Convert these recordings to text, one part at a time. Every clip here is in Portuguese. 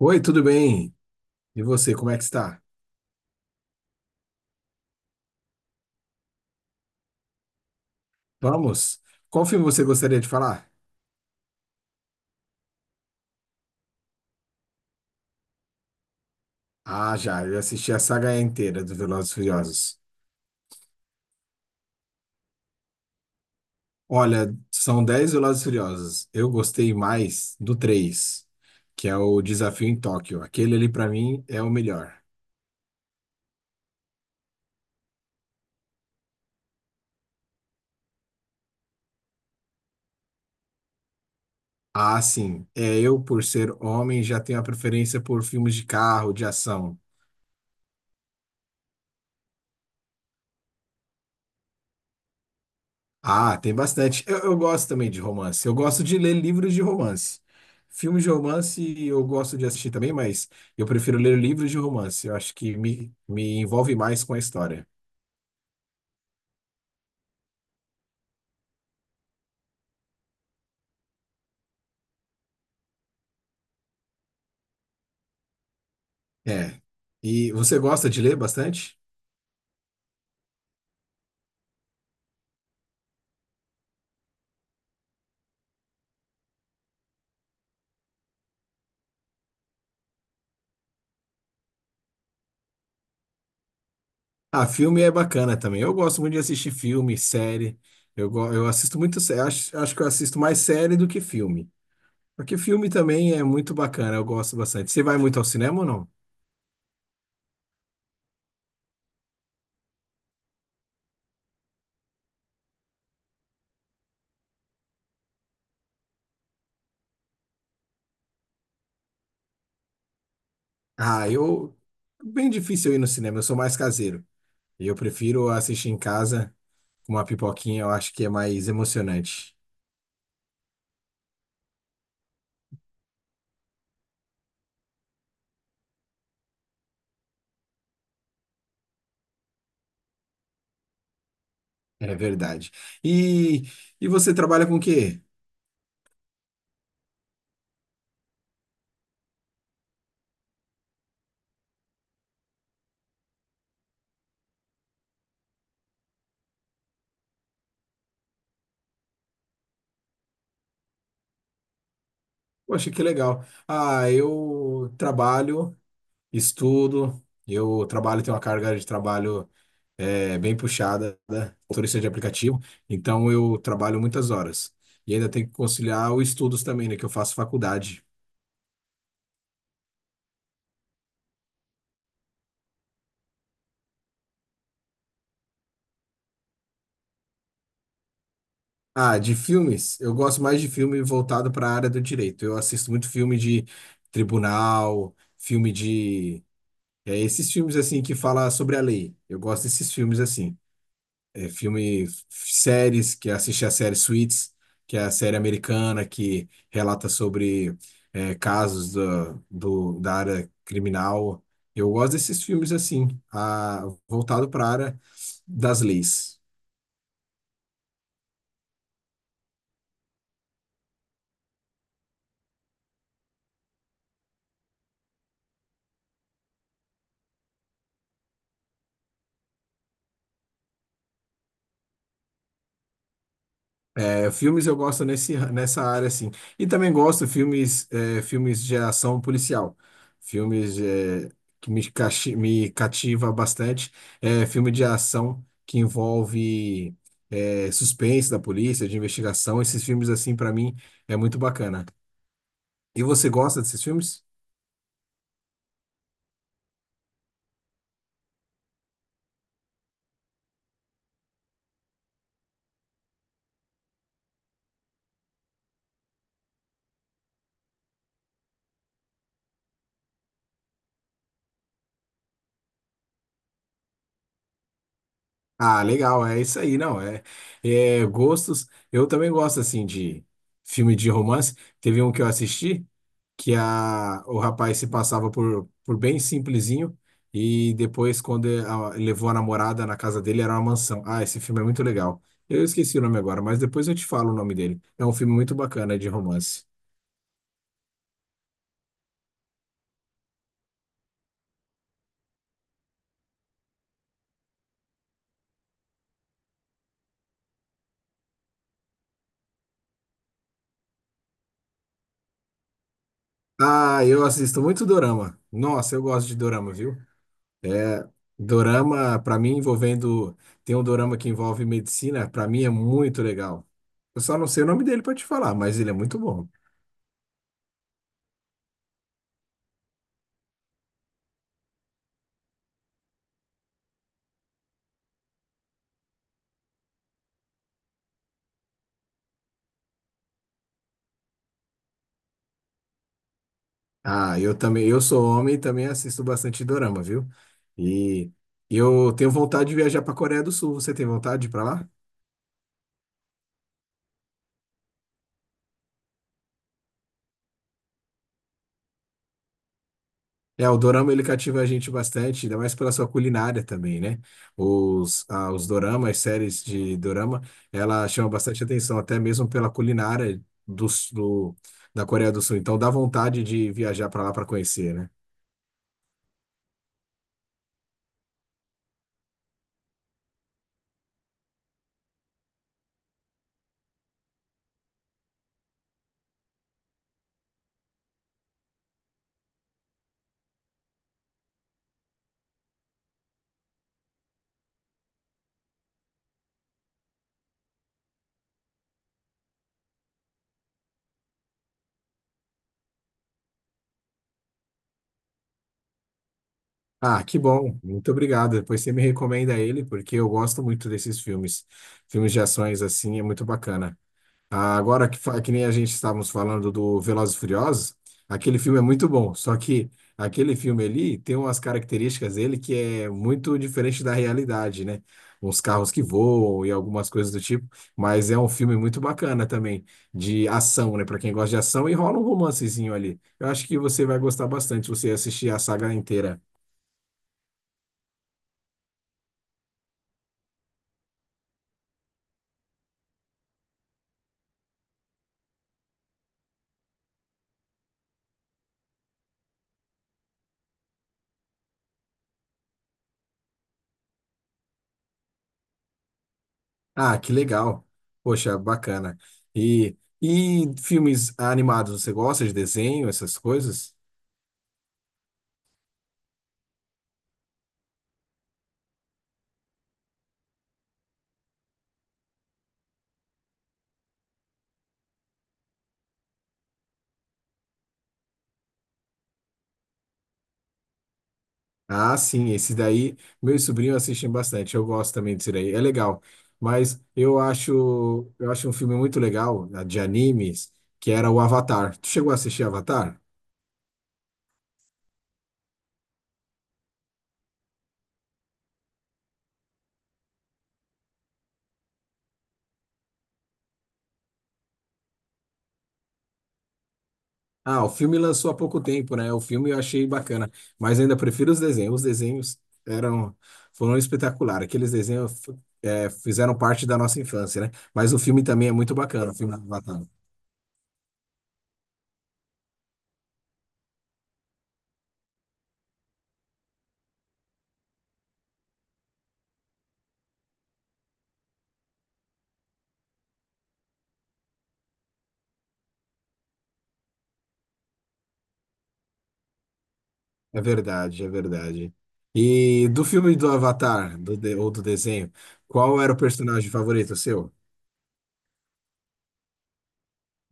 Oi, tudo bem? E você, como é que está? Vamos? Qual filme você gostaria de falar? Ah, já, eu assisti a saga inteira do Velozes e Furiosos. Olha, são 10 Velozes e Furiosos. Eu gostei mais do 3, que é o Desafio em Tóquio. Aquele ali, para mim, é o melhor. Ah, sim, é eu, por ser homem, já tenho a preferência por filmes de carro, de ação. Ah, tem bastante. Eu gosto também de romance. Eu gosto de ler livros de romance. Filmes de romance eu gosto de assistir também, mas eu prefiro ler livros de romance. Eu acho que me envolve mais com a história. É. E você gosta de ler bastante? Ah, filme é bacana também. Eu gosto muito de assistir filme, série. Eu assisto muito. Acho que eu assisto mais série do que filme. Porque filme também é muito bacana. Eu gosto bastante. Você vai muito ao cinema ou não? Ah, eu. Bem difícil eu ir no cinema. Eu sou mais caseiro. E eu prefiro assistir em casa com uma pipoquinha, eu acho que é mais emocionante. É verdade. E, e você trabalha com o quê? Poxa, que legal. Ah, eu trabalho, estudo, eu trabalho, tenho uma carga de trabalho é, bem puxada, né? Motorista de aplicativo, então eu trabalho muitas horas. E ainda tenho que conciliar os estudos também, né? Que eu faço faculdade. Ah, de filmes, eu gosto mais de filme voltado para a área do direito. Eu assisto muito filme de tribunal, filme de. É, esses filmes assim que fala sobre a lei. Eu gosto desses filmes assim. É, séries, que assisti a série Suits, que é a série americana que relata sobre é, casos da área criminal. Eu gosto desses filmes assim, a, voltado para a área das leis. É, filmes eu gosto nessa área, assim. E também gosto filmes, é, filmes de ação policial. Filmes, é, que me cativa bastante. É, filme de ação que envolve, é, suspense da polícia, de investigação. Esses filmes, assim, para mim, é muito bacana. E você gosta desses filmes? Ah, legal, é isso aí, não. É gostos. Eu também gosto, assim, de filme de romance. Teve um que eu assisti. Que a, o rapaz se passava por bem simplesinho e depois, quando levou a namorada na casa dele, era uma mansão. Ah, esse filme é muito legal. Eu esqueci o nome agora, mas depois eu te falo o nome dele. É um filme muito bacana de romance. Ah, eu assisto muito dorama. Nossa, eu gosto de dorama, viu? É, dorama, pra mim, envolvendo. Tem um dorama que envolve medicina, pra mim é muito legal. Eu só não sei o nome dele pra te falar, mas ele é muito bom. Ah, eu também, eu sou homem e também assisto bastante dorama, viu? E eu tenho vontade de viajar para Coreia do Sul. Você tem vontade de ir para lá? É, o dorama ele cativa a gente bastante, ainda mais pela sua culinária também, né? Os doramas, as séries de dorama, ela chama bastante atenção, até mesmo pela culinária do- da Coreia do Sul. Então dá vontade de viajar para lá para conhecer, né? Ah, que bom. Muito obrigado. Depois você me recomenda ele, porque eu gosto muito desses filmes. Filmes de ações assim é muito bacana. Ah, agora que nem a gente estávamos falando do Velozes e Furiosos, aquele filme é muito bom, só que aquele filme ali tem umas características dele que é muito diferente da realidade, né? Uns carros que voam e algumas coisas do tipo, mas é um filme muito bacana também de ação, né? Para quem gosta de ação, e rola um romancezinho ali. Eu acho que você vai gostar bastante se você assistir a saga inteira. Ah, que legal. Poxa, bacana. E, e filmes animados, você gosta de desenho, essas coisas? Ah, sim, esse daí, meus sobrinhos assistem bastante. Eu gosto também desse daí, é legal. Mas eu acho um filme muito legal, né, de animes, que era o Avatar. Tu chegou a assistir Avatar? Ah, o filme lançou há pouco tempo, né? O filme eu achei bacana, mas ainda prefiro os desenhos. Os desenhos eram foram espetaculares. Aqueles desenhos fizeram parte da nossa infância, né? Mas o filme também é muito bacana, o filme do Avatar. É verdade, é verdade. E do filme do Avatar, ou do desenho, qual era o personagem favorito seu?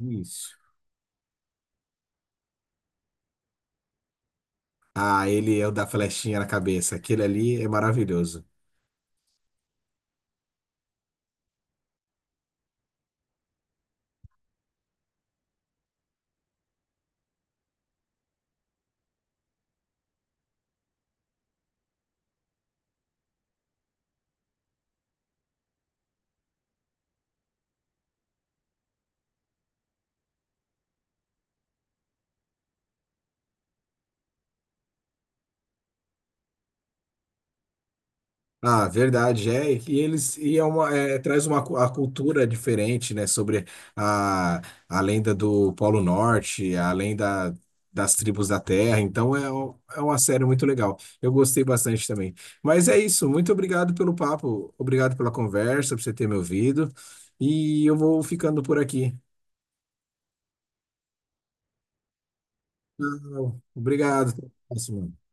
Isso. Ah, ele é o da flechinha na cabeça. Aquele ali é maravilhoso. Ah, verdade, é. E eles e é uma, é, traz a cultura diferente, né? Sobre a, a lenda do Polo Norte, a lenda das tribos da Terra. Então é, é uma série muito legal. Eu gostei bastante também. Mas é isso. Muito obrigado pelo papo, obrigado pela conversa, por você ter me ouvido. E eu vou ficando por aqui. Então, obrigado. Até a próxima.